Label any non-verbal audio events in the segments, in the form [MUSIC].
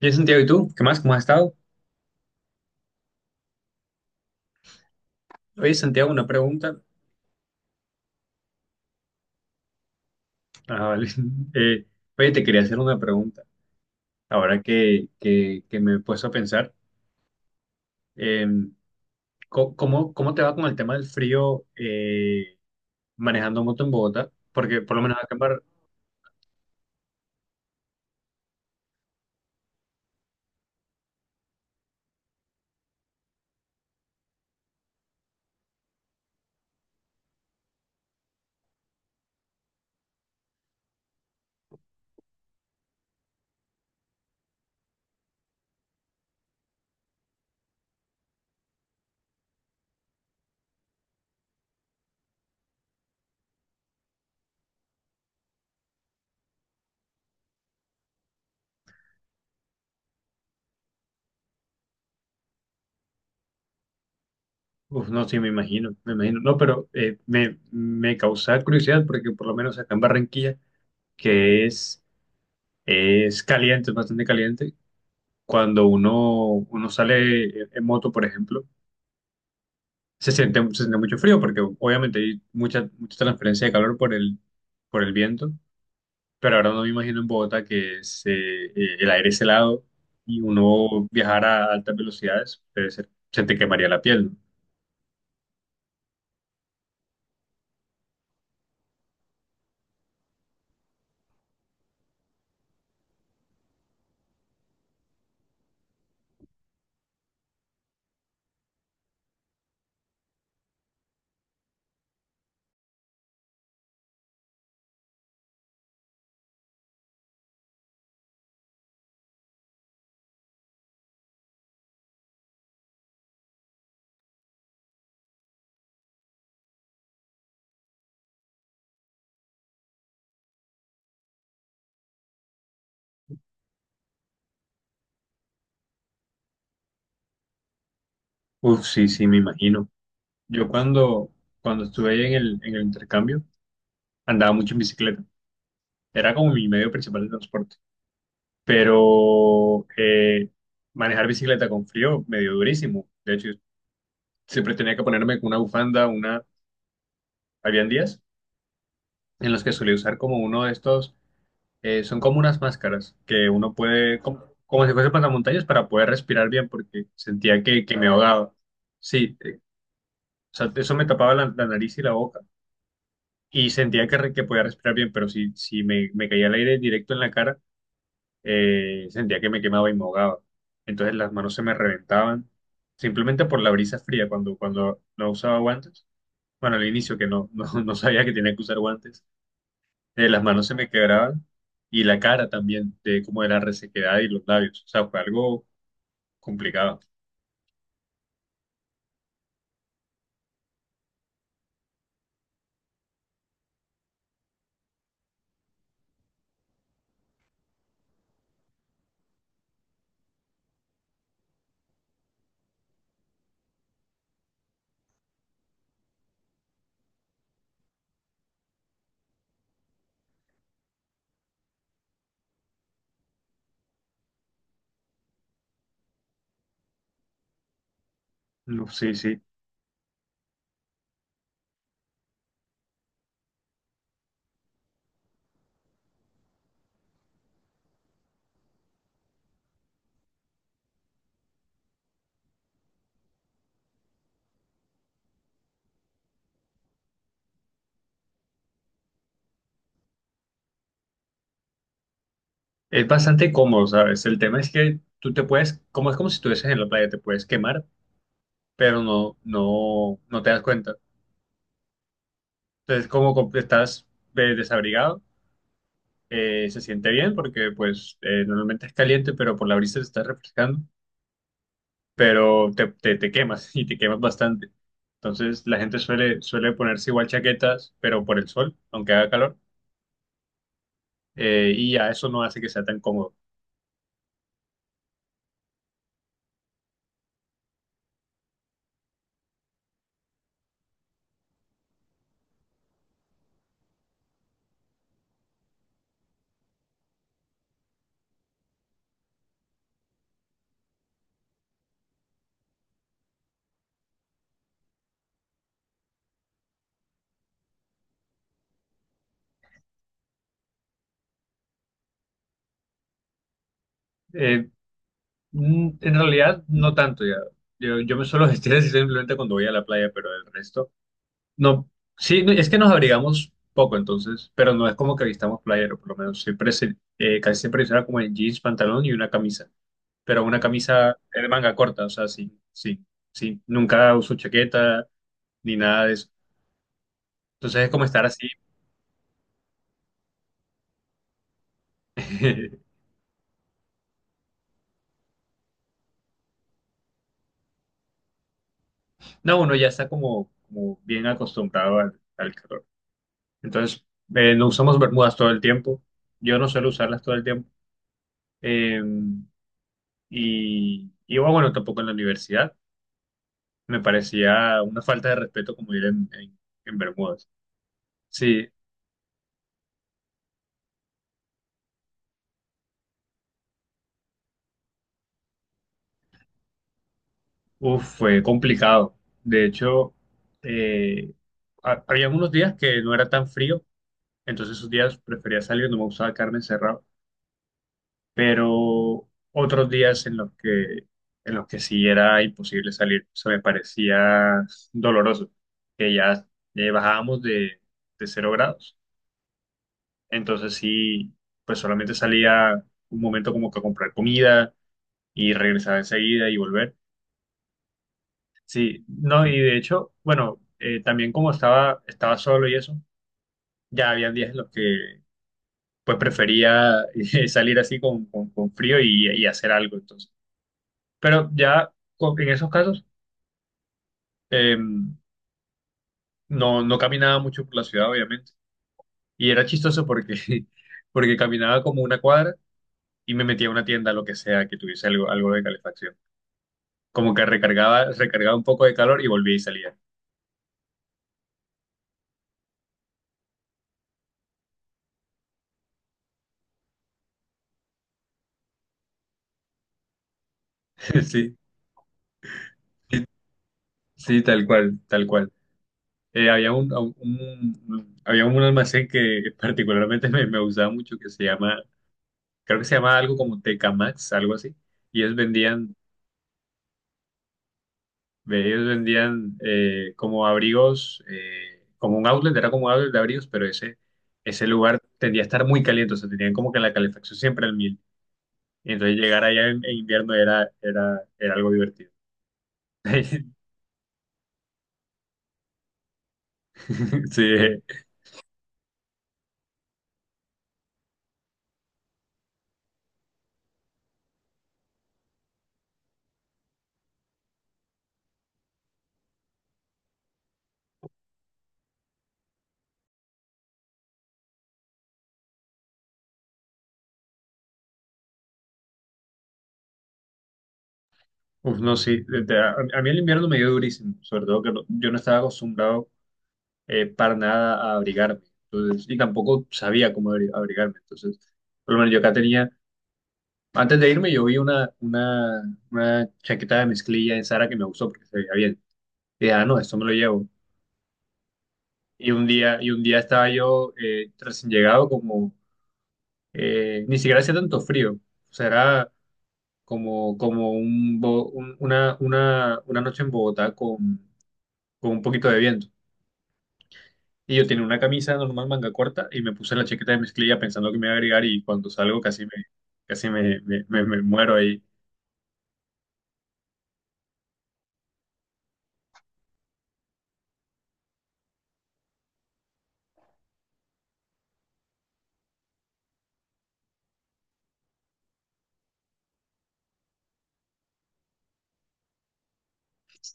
Bien, Santiago, ¿y tú? ¿Qué más? ¿Cómo has estado? Oye, Santiago, una pregunta. Ah, vale. [LAUGHS] Eh, oye, te quería hacer una pregunta. Ahora que me he puesto a pensar, eh, ¿cómo, cómo te va con el tema del frío, manejando moto en Bogotá? Porque por lo menos acá en Bar- uf, no, sí, me imagino, me imagino. No, pero me causa curiosidad porque por lo menos acá en Barranquilla, que es caliente, es bastante caliente, cuando uno sale en moto, por ejemplo. Se siente mucho frío porque obviamente hay mucha, mucha transferencia de calor por el viento, pero ahora no me imagino en Bogotá que se, el aire es helado y uno viajar a altas velocidades, debe ser- se te quemaría la piel. ¿No? Uf, sí, sí, me imagino. Yo cuando, cuando estuve en el intercambio andaba mucho en bicicleta, era como mi medio principal de transporte, pero manejar bicicleta con frío me dio durísimo. De hecho, siempre tenía que ponerme con una bufanda, una... Habían días en los que solía usar como uno de estos, son como unas máscaras que uno puede, como, como si fuese pasamontañas para poder respirar bien porque sentía que me ahogaba. Sí, o sea, eso me tapaba la nariz y la boca y sentía que, re- que podía respirar bien, pero si, si me, me caía el aire directo en la cara, sentía que me quemaba y me ahogaba. Entonces las manos se me reventaban simplemente por la brisa fría cuando, cuando no usaba guantes. Bueno, al inicio que [LAUGHS] no sabía que tenía que usar guantes, las manos se me quebraban y la cara también, de como de la resequedad y los labios. O sea, fue algo complicado. No, sí, sí. Es bastante cómodo, ¿sabes? El tema es que tú te puedes, como es como si estuvieses en la playa, te puedes quemar, pero no te das cuenta. Entonces, como com- estás desabrigado, se siente bien porque pues normalmente es caliente, pero por la brisa te está refrescando. Pero te quemas [LAUGHS] y te quemas bastante. Entonces la gente suele, suele ponerse igual chaquetas, pero por el sol, aunque haga calor, y ya eso no hace que sea tan cómodo. Eh, en realidad no tanto ya. Yo me suelo [LAUGHS] vestir así simplemente cuando voy a la playa, pero el resto no. Sí, no, es que nos abrigamos poco entonces, pero no es como que vistamos playero, por lo menos siempre se- casi siempre será como en jeans, pantalón y una camisa, pero una camisa de manga corta, o sea, sí, sí, sí. Nunca uso chaqueta ni nada de eso. Entonces es como estar así. [LAUGHS] No, uno ya está como, como bien acostumbrado al calor. Entonces, no usamos bermudas todo el tiempo. Yo no suelo usarlas todo el tiempo. Eh, y bueno, tampoco en la universidad. Me parecía una falta de respeto como ir en bermudas. Sí, uf, fue complicado. De hecho, eh, había unos días que no era tan frío. Entonces esos días prefería salir, no me gustaba carne encerrada. Pero otros días en los que sí era imposible salir, se me parecía doloroso, que ya, ya bajábamos de 0 grados. Entonces sí, pues solamente salía un momento como que a comprar comida y regresaba enseguida y volver. Sí, no, y de hecho, bueno, también como estaba, estaba solo y eso, ya había días en los que pues prefería [LAUGHS] salir así con, con frío y hacer algo entonces. Pero ya con- en esos casos, eh, no caminaba mucho por la ciudad, obviamente. Y era chistoso porque, [LAUGHS] porque caminaba como una cuadra y me metía a una tienda, lo que sea, que tuviese algo, algo de calefacción. Como que recargaba, recargaba un poco de calor y volvía y salía. [LAUGHS] Sí, sí, tal cual, tal cual. Eh, había un, un- había un almacén que [LAUGHS] particularmente me, me gustaba mucho que se llama, creo que se llama algo como Tecamax, algo así. Y ellos vendían. Ve, ellos vendían, como abrigos, como un outlet, era como un outlet de abrigos, pero ese lugar tendía a estar muy caliente, o sea, tenían como que la calefacción siempre al mil. Y entonces llegar allá en invierno era, era, era algo divertido. [LAUGHS] Sí, eh, uf, no, sí, de- a mí el invierno me dio durísimo, sobre todo que no- yo no estaba acostumbrado, para nada a abrigarme, entonces, y tampoco sabía cómo abri- abrigarme, entonces, por lo menos yo acá tenía. Antes de irme, yo vi una chaqueta de mezclilla en Sara que me gustó porque se veía bien. Y dije, ah, no, esto me lo llevo. Y un día estaba yo, recién llegado, como ni siquiera hacía tanto frío. O sea, era como, como un, bo- un- una noche en Bogotá con un poquito de viento. Y yo tenía una camisa normal, manga corta, y me puse la chaqueta de mezclilla pensando que me iba a agregar. Y cuando salgo, casi me, me, me- me muero ahí.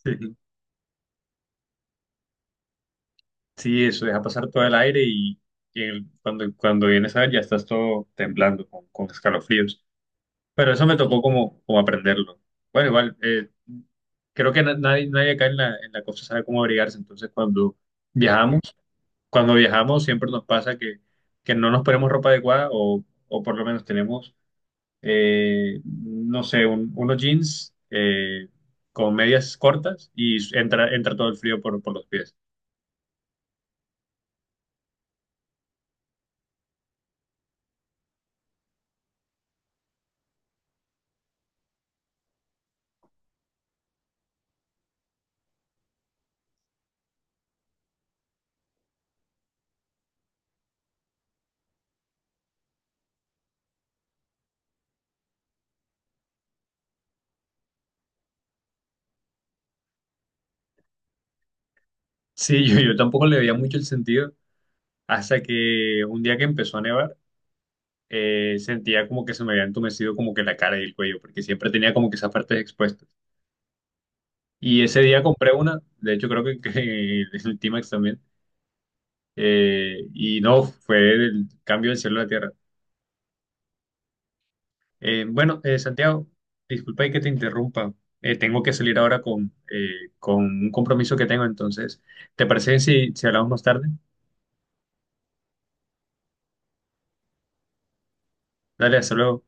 [LAUGHS] Sí, eso deja pasar todo el aire y el- cuando, cuando vienes a ver ya estás todo temblando con escalofríos. Pero eso me tocó como, como aprenderlo. Bueno, igual, creo que na- nadie, nadie acá en la costa sabe cómo abrigarse. Entonces, viajamos, cuando viajamos siempre nos pasa que no nos ponemos ropa adecuada o por lo menos tenemos, no sé, un- unos jeans, con medias cortas y entra, entra todo el frío por los pies. Sí, [LAUGHS] yo tampoco le veía mucho el sentido. Hasta que un día que empezó a nevar, sentía como que se me había entumecido como que la cara y el cuello, porque siempre tenía como que esas partes expuestas. Y ese día compré una, de hecho creo que [LAUGHS] el T-Max también, y no, fue el cambio del cielo a la tierra. Bueno, Santiago, disculpa y que te interrumpa, tengo que salir ahora con un compromiso que tengo, entonces, ¿te parece si, si hablamos más tarde? Dale, hasta luego.